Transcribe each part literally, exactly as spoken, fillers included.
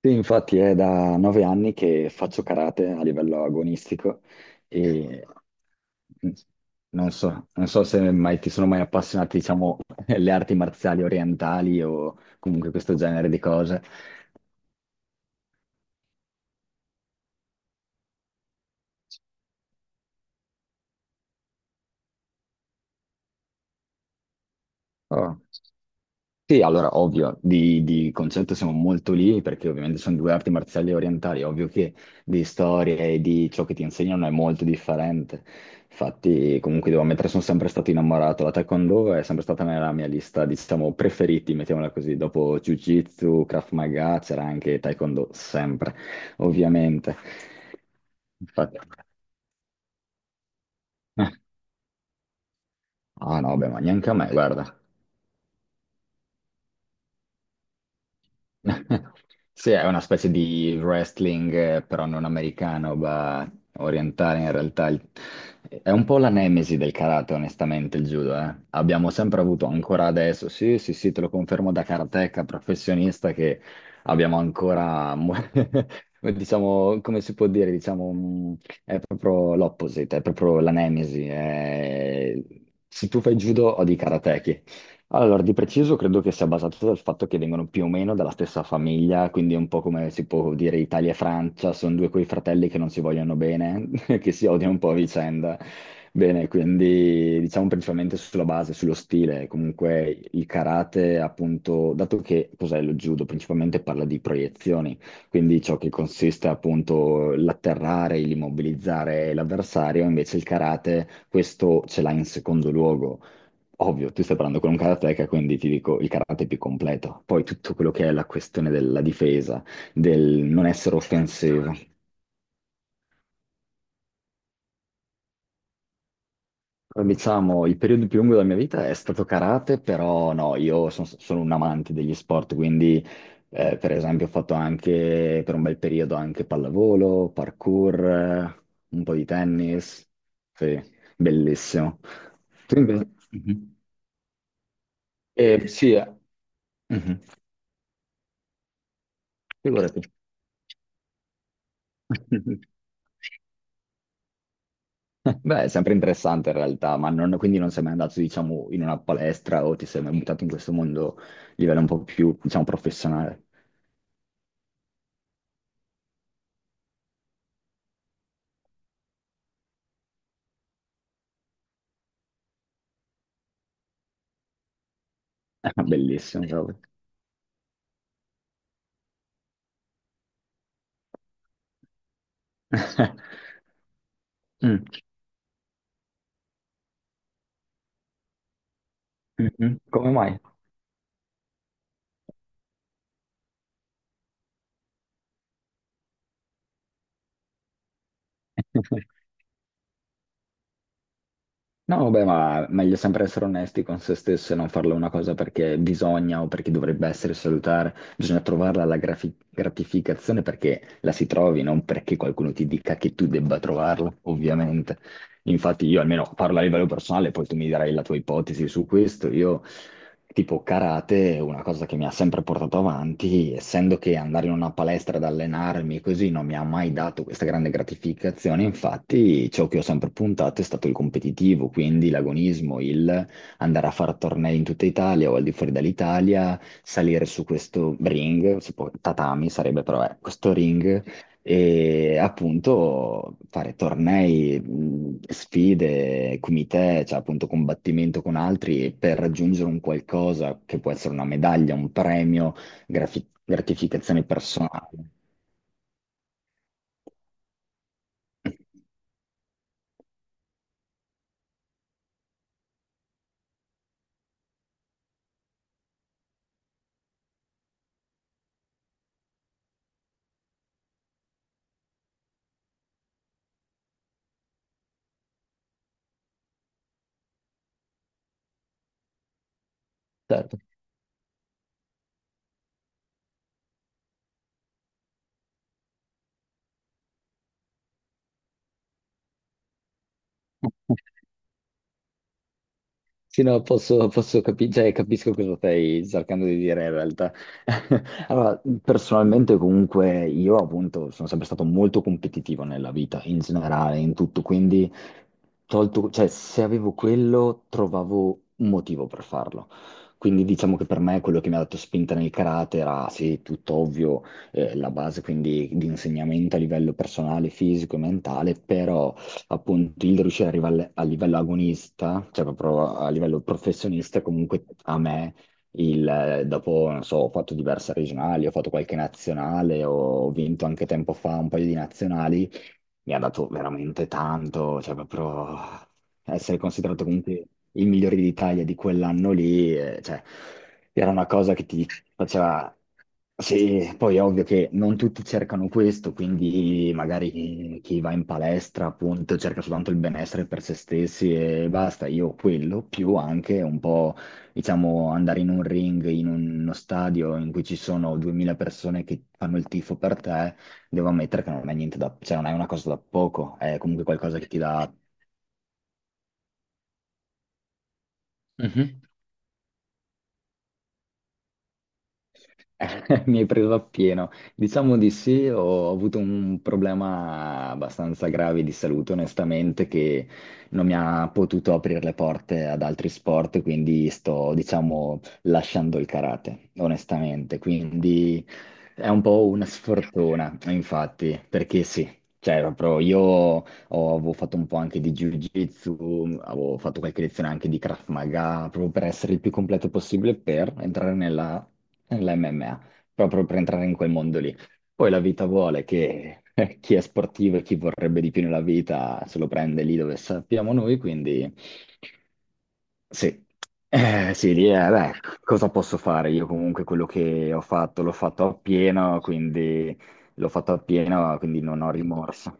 Sì, infatti è da nove anni che faccio karate a livello agonistico e non so, non so se mai ti sono mai appassionati, diciamo, le arti marziali orientali o comunque questo genere di cose. Oh. Sì, allora, ovvio, di, di concetto siamo molto lì perché ovviamente sono due arti marziali orientali, ovvio che di storia e di ciò che ti insegnano è molto differente. Infatti, comunque devo ammettere, sono sempre stato innamorato. La Taekwondo è sempre stata nella mia lista, diciamo, preferiti, mettiamola così. Dopo Jiu-Jitsu, Krav Maga, c'era anche Taekwondo, sempre, ovviamente. Infatti. Ah no, beh, ma neanche a me, guarda. Sì, è una specie di wrestling, eh, però non americano, ma orientale in realtà. Il- È un po' la nemesi del karate, onestamente, il judo, eh. Abbiamo sempre avuto, ancora adesso, sì, sì, sì, te lo confermo da karateka professionista, che abbiamo ancora, mo- diciamo, come si può dire, diciamo, mm, è proprio l'opposite, è proprio la nemesi. è- Se tu fai judo, odi i karateki. Allora, di preciso credo che sia basato dal fatto che vengono più o meno dalla stessa famiglia, quindi è un po' come si può dire Italia e Francia, sono due quei fratelli che non si vogliono bene, che si odiano un po' a vicenda. Bene, quindi diciamo principalmente sulla base, sullo stile, comunque il karate, appunto, dato che cos'è lo judo, principalmente parla di proiezioni, quindi ciò che consiste appunto l'atterrare, l'immobilizzare l'avversario, invece il karate questo ce l'ha in secondo luogo. Ovvio, tu stai parlando con un karateka, quindi ti dico il karate è più completo. Poi tutto quello che è la questione della difesa, del non essere offensivo. Diciamo, il periodo più lungo della mia vita è stato karate, però no, io son- sono un amante degli sport, quindi eh, per esempio ho fatto anche per un bel periodo anche pallavolo, parkour, eh, un po' di tennis. Sì, bellissimo. Tu invece? Mhm. Eh, sì, eh. Mhm. Figurati. Beh, è sempre interessante in realtà, ma non- quindi non sei mai andato, diciamo, in una palestra o ti sei mai buttato in questo mondo a livello un po' più, diciamo, professionale. Bellissimo, proprio. Mm. Mhm. Come mai? No, vabbè, ma meglio sempre essere onesti con se stessi e non farlo una cosa perché bisogna o perché dovrebbe essere salutare. Bisogna trovarla la grafi- gratificazione perché la si trovi, non perché qualcuno ti dica che tu debba trovarla, ovviamente. Infatti io almeno parlo a livello personale, poi tu mi darai la tua ipotesi su questo. Io, tipo karate, è una cosa che mi ha sempre portato avanti, essendo che andare in una palestra ad allenarmi così non mi ha mai dato questa grande gratificazione, infatti ciò che ho sempre puntato è stato il competitivo, quindi l'agonismo, il andare a fare tornei in tutta Italia o al di fuori dall'Italia, salire su questo ring, si può, tatami sarebbe però eh, questo ring e appunto fare tornei, mh, sfide, comitè, cioè appunto combattimento con altri per raggiungere un qualcosa che può essere una medaglia, un premio, grafi- gratificazione personale. Sì, no, posso, posso capi- cioè, capisco cosa stai cercando di dire in realtà. Allora, personalmente comunque io appunto sono sempre stato molto competitivo nella vita, in generale, in tutto, quindi tolto, cioè, se avevo quello trovavo un motivo per farlo. Quindi diciamo che per me quello che mi ha dato spinta nel karate era, sì, tutto ovvio, eh, la base quindi di insegnamento a livello personale, fisico e mentale, però appunto il riuscire ad arrivare a livello agonista, cioè proprio a livello professionista, comunque a me, il, dopo, non so, ho fatto diverse regionali, ho fatto qualche nazionale, ho vinto anche tempo fa un paio di nazionali, mi ha dato veramente tanto, cioè proprio essere considerato comunque il migliore d'Italia di quell'anno lì, eh, cioè era una cosa che ti faceva. Sì, poi è ovvio che non tutti cercano questo, quindi magari chi chi va in palestra appunto cerca soltanto il benessere per se stessi e basta, io quello, più anche un po', diciamo, andare in un ring, in uno stadio in cui ci sono duemila persone che fanno il tifo per te, devo ammettere che non è niente da, cioè non è una cosa da poco, è comunque qualcosa che ti dà. Mhm. Mi hai preso appieno. Diciamo di sì, ho avuto un problema abbastanza grave di salute, onestamente, che non mi ha potuto aprire le porte ad altri sport, quindi sto, diciamo, lasciando il karate, onestamente. Quindi è un po' una sfortuna, infatti, perché sì. Cioè, proprio io ho- avevo fatto un po' anche di Jiu-Jitsu, avevo fatto qualche lezione anche di Krav Maga, proprio per essere il più completo possibile per entrare nella l'M M A, proprio per entrare in quel mondo lì. Poi la vita vuole che eh, chi è sportivo e chi vorrebbe di più nella vita se lo prende lì dove sappiamo noi, quindi sì. Eh, sì, lì è, beh, cosa posso fare? Io comunque quello che ho fatto l'ho fatto appieno, quindi l'ho fatto appieno, quindi non ho rimorso.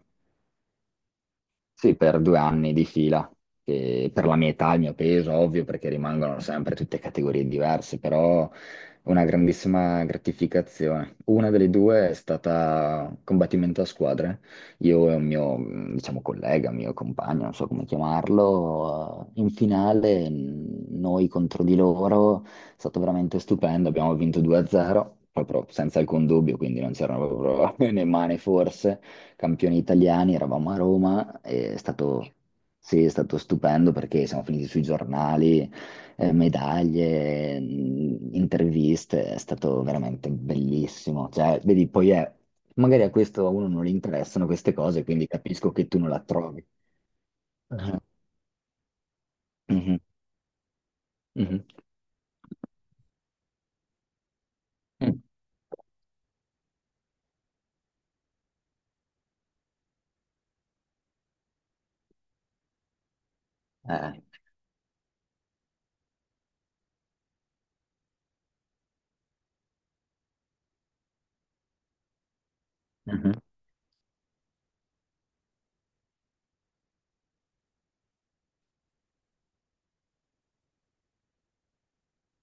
Sì, per due anni di fila, che per la mia età, il mio peso, ovvio, perché rimangono sempre tutte categorie diverse, però una grandissima gratificazione. Una delle due è stata combattimento a squadre. Io e un mio, diciamo, collega, mio compagno, non so come chiamarlo, eh, in finale mh, noi contro di loro, è stato veramente stupendo, abbiamo vinto due a zero, proprio senza alcun dubbio, quindi non c'erano proprio né mani forse campioni italiani, eravamo a Roma, e è stato, sì, è stato stupendo perché siamo finiti sui giornali, eh, medaglie, mh, interviste, è stato veramente bellissimo. Cioè, vedi, poi è, magari a questo a uno non gli interessano queste cose, quindi capisco che tu non la trovi. Mhm, mhm, mhm, mhm. Eh, mhm.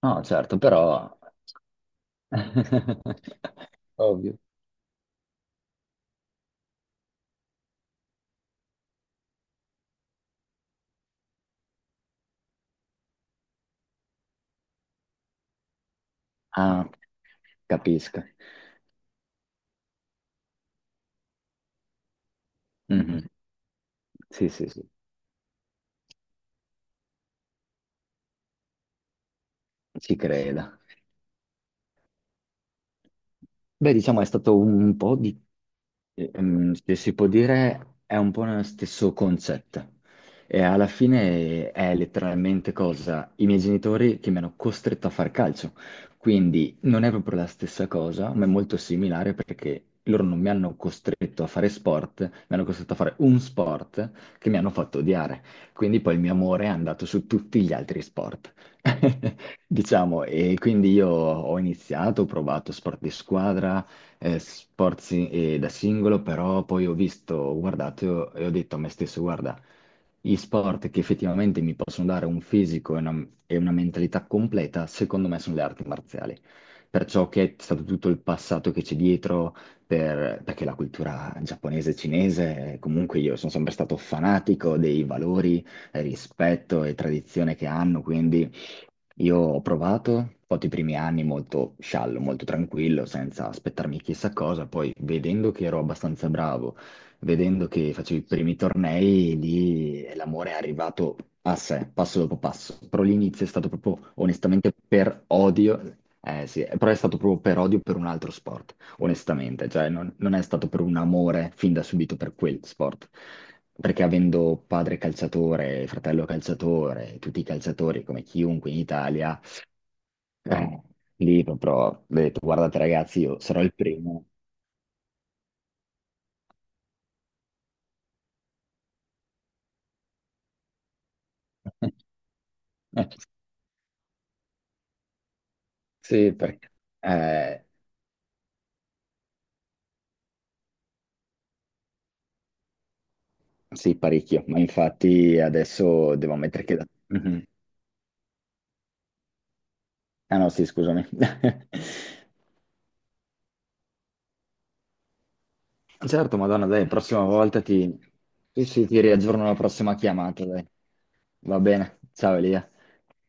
No, certo, però. Ovvio. Ah, capisco. Mhm. Sì, sì, sì, ci credo. Beh, diciamo è stato un po' di, ehm, se si può dire, è un po' lo stesso concetto. E alla fine è letteralmente cosa? I miei genitori che mi hanno costretto a far calcio. Quindi non è proprio la stessa cosa, ma è molto similare perché loro non mi hanno costretto a fare sport, mi hanno costretto a fare un sport che mi hanno fatto odiare. Quindi poi il mio amore è andato su tutti gli altri sport. Diciamo, e quindi io ho iniziato, ho provato sport di squadra, eh, sport si- eh, da singolo, però poi ho visto, ho guardato e ho detto a me stesso, guarda, gli sport che effettivamente mi possono dare un fisico e una, e una mentalità completa, secondo me sono le arti marziali. Perciò che è stato tutto il passato che c'è dietro, per- perché la cultura giapponese e cinese, eh, comunque io sono sempre stato fanatico dei valori, eh, rispetto e tradizione che hanno, quindi. Io ho provato, ho fatto i primi anni molto sciallo, molto tranquillo, senza aspettarmi chissà cosa, poi vedendo che ero abbastanza bravo, vedendo che facevo i primi tornei, lì l'amore è arrivato a sé, passo dopo passo. Però l'inizio è stato proprio onestamente per odio, eh sì, però è stato proprio per odio per un altro sport onestamente, cioè non, non è stato per un amore fin da subito per quel sport, perché avendo padre calciatore, fratello calciatore, tutti i calciatori come chiunque in Italia, eh, lì proprio ho detto, guardate ragazzi, io sarò il primo. Sì, perché. Eh, sì, parecchio, ma infatti adesso devo ammettere che. da- Mhm. Ah no, sì, scusami. Certo, Madonna, dai, prossima volta ti. Sì, sì, ti riaggiorno la prossima chiamata, dai. Va bene, ciao Elia.